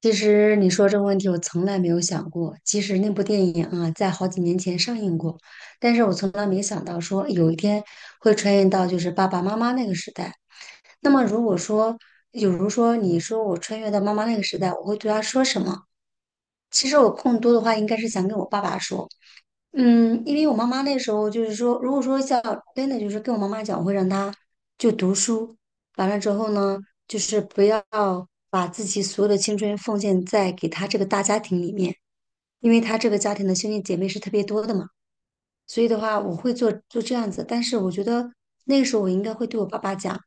其实你说这个问题，我从来没有想过。其实那部电影啊，在好几年前上映过，但是我从来没想到说有一天会穿越到就是爸爸妈妈那个时代。那么如果说，比如说你说我穿越到妈妈那个时代，我会对她说什么？其实我更多的话应该是想跟我爸爸说。因为我妈妈那时候就是说，如果说像真的就是跟我妈妈讲，我会让她就读书，完了之后呢，就是不要把自己所有的青春奉献在给她这个大家庭里面，因为她这个家庭的兄弟姐妹是特别多的嘛，所以的话，我会做这样子，但是我觉得那个时候我应该会对我爸爸讲。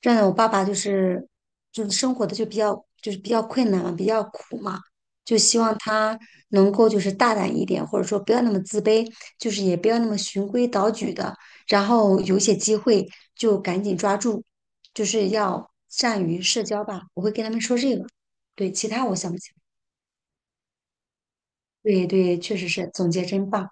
这样的，我爸爸就是生活的就比较比较困难嘛，比较苦嘛，就希望他能够就是大胆一点，或者说不要那么自卑，就是也不要那么循规蹈矩的，然后有一些机会就赶紧抓住，就是要善于社交吧。我会跟他们说这个。对，其他我想不起来。对对，确实是，总结真棒。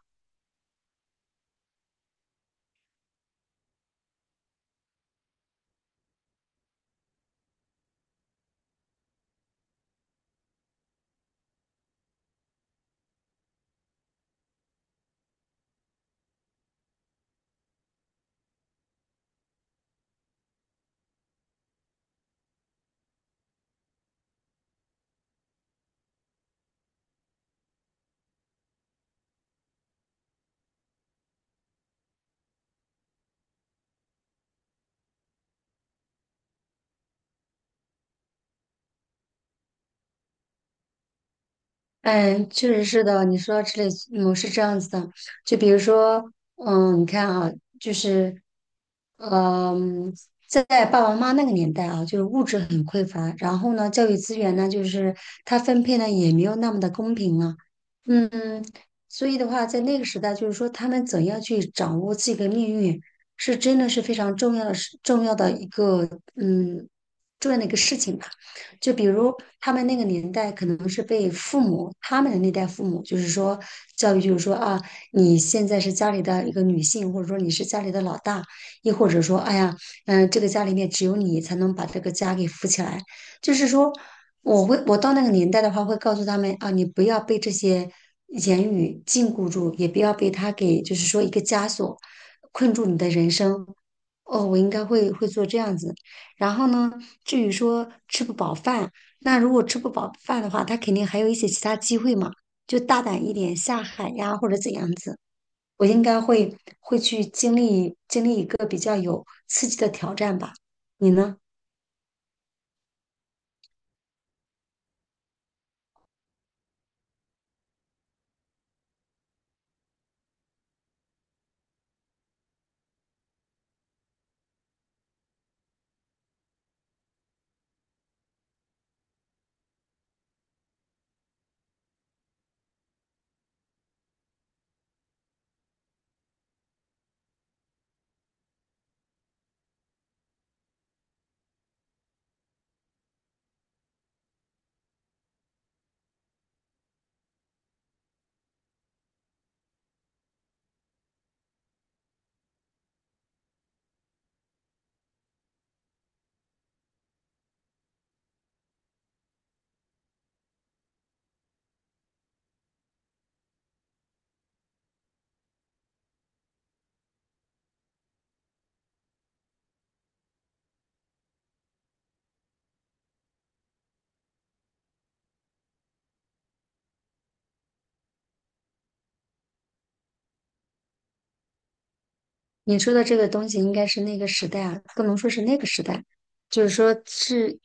嗯，确实是的。你说到这里，嗯，是这样子的。就比如说，你看啊，就是，嗯，在爸爸妈妈那个年代啊，就是物质很匮乏，然后呢，教育资源呢，就是它分配呢也没有那么的公平啊。嗯，所以的话，在那个时代，就是说他们怎样去掌握自己的命运，是真的是非常重要的事，重要的一个，嗯，重要的一个事情吧。就比如他们那个年代，可能是被父母他们的那代父母，就是说教育，就是说啊，你现在是家里的一个女性，或者说你是家里的老大，亦或者说，哎呀，这个家里面只有你才能把这个家给扶起来。就是说，我到那个年代的话，会告诉他们啊，你不要被这些言语禁锢住，也不要被他给就是说一个枷锁困住你的人生。哦，我应该会做这样子。然后呢，至于说吃不饱饭，那如果吃不饱饭的话，他肯定还有一些其他机会嘛，就大胆一点下海呀，或者怎样子。我应该会去经历一个比较有刺激的挑战吧，你呢？你说的这个东西应该是那个时代啊，不能说是那个时代，就是说是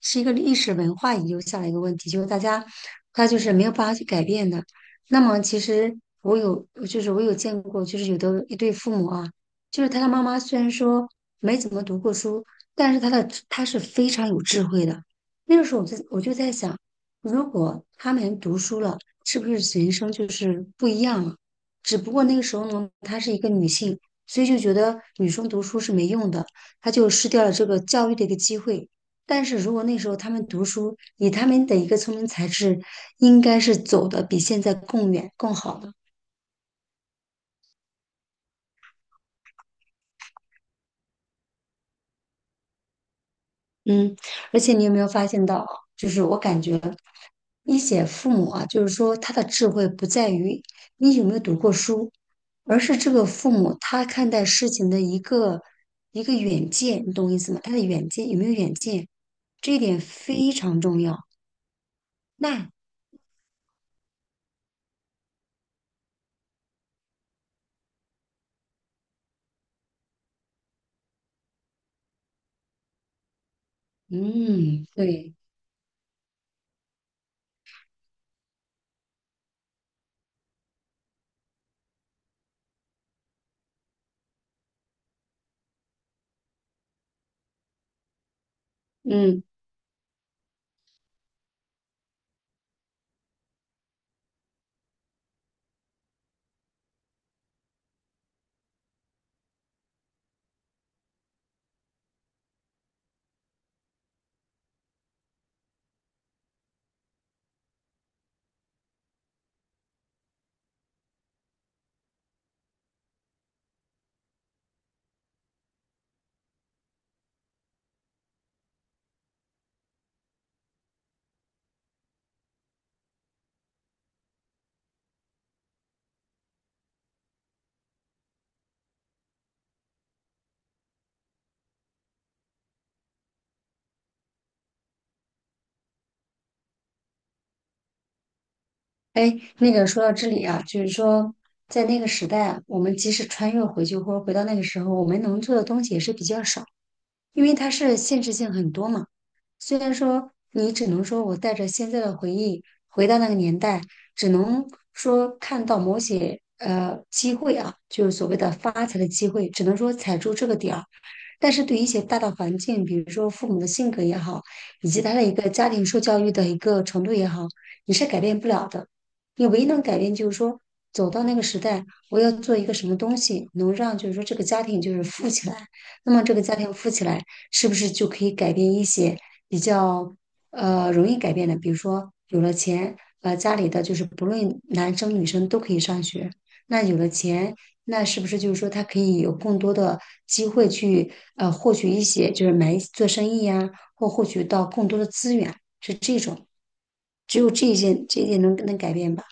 是一个历史文化遗留下来一个问题，就是大家他就是没有办法去改变的。那么其实我有，就是我有见过，就是有的一对父母啊，就是他的妈妈虽然说没怎么读过书，但是他是非常有智慧的。那个时候我就在想，如果他们读书了，是不是人生就是不一样了？只不过那个时候呢，她是一个女性。所以就觉得女生读书是没用的，她就失掉了这个教育的一个机会。但是如果那时候她们读书，以她们的一个聪明才智，应该是走的比现在更远、更好的。嗯，而且你有没有发现到啊就是我感觉一些父母啊，就是说他的智慧不在于你有没有读过书，而是这个父母他看待事情的一个远见，你懂我意思吗？他的远见有没有远见，这一点非常重要。那嗯，对，嗯，哎，那个说到这里啊，就是说，在那个时代啊我们即使穿越回去或者回到那个时候，我们能做的东西也是比较少。因为它是现实性很多嘛。虽然说你只能说我带着现在的回忆回到那个年代，只能说看到某些机会啊，就是所谓的发财的机会，只能说踩住这个点儿。但是对于一些大的环境，比如说父母的性格也好，以及他的一个家庭受教育的一个程度也好，你是改变不了的。你唯一能改变就是说，走到那个时代，我要做一个什么东西，能让就是说这个家庭就是富起来。那么这个家庭富起来，是不是就可以改变一些比较容易改变的？比如说有了钱，呃，家里的就是不论男生女生都可以上学。那有了钱，那是不是就是说他可以有更多的机会去获取一些，就是买一做生意呀、或获取到更多的资源，是这种。只有这一件，这一点能改变吧？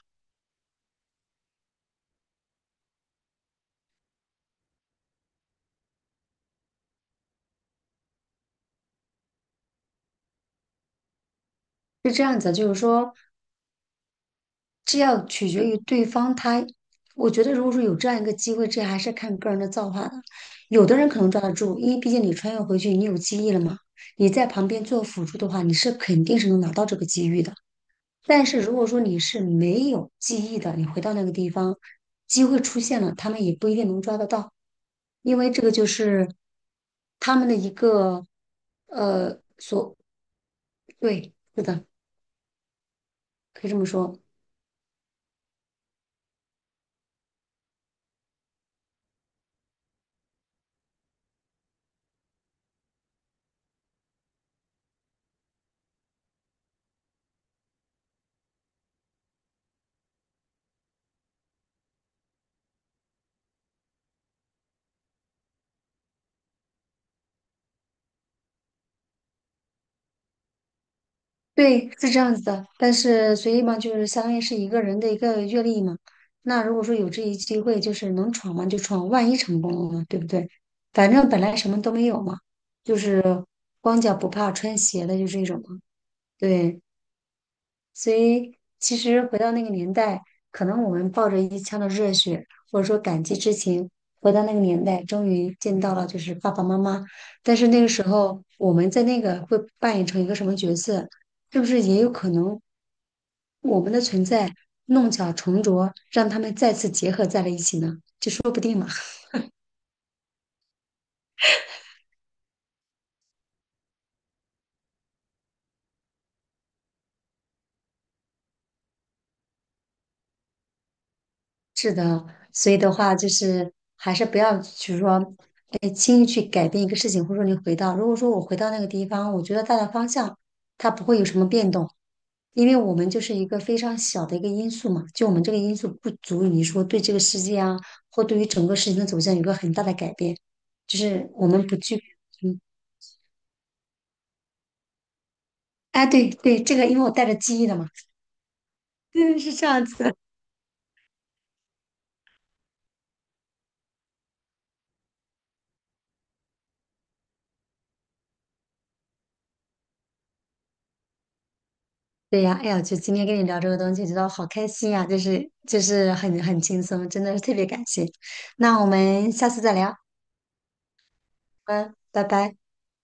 是这样子，就是说，这要取决于对方他，我觉得如果说有这样一个机会，这还是看个人的造化的。有的人可能抓得住，因为毕竟你穿越回去，你有记忆了嘛，你在旁边做辅助的话，你是肯定是能拿到这个机遇的。但是如果说你是没有记忆的，你回到那个地方，机会出现了，他们也不一定能抓得到，因为这个就是他们的一个所，对，是的，可以这么说。对，是这样子的，但是所以嘛，就是相当于是一个人的一个阅历嘛。那如果说有这一机会，就是能闯嘛就闯，万一成功了呢，对不对？反正本来什么都没有嘛，就是光脚不怕穿鞋的，就这种嘛。对。所以其实回到那个年代，可能我们抱着一腔的热血，或者说感激之情，回到那个年代，终于见到了就是爸爸妈妈。但是那个时候，我们在那个会扮演成一个什么角色，是不是也有可能我们的存在弄巧成拙，让他们再次结合在了一起呢？就说不定嘛。是的，所以的话就是还是不要，就是说，哎，轻易去改变一个事情，或者说你回到，如果说我回到那个地方，我觉得大的方向它不会有什么变动，因为我们就是一个非常小的一个因素嘛，就我们这个因素不足以说对这个世界啊，或对于整个事情的走向有一个很大的改变，就是我们不具，嗯，哎，对对，这个因为我带着记忆的嘛，对，是这样子。对呀，哎呀，就今天跟你聊这个东西，觉得好开心呀，就是很很轻松，真的是特别感谢。那我们下次再聊，嗯，拜拜。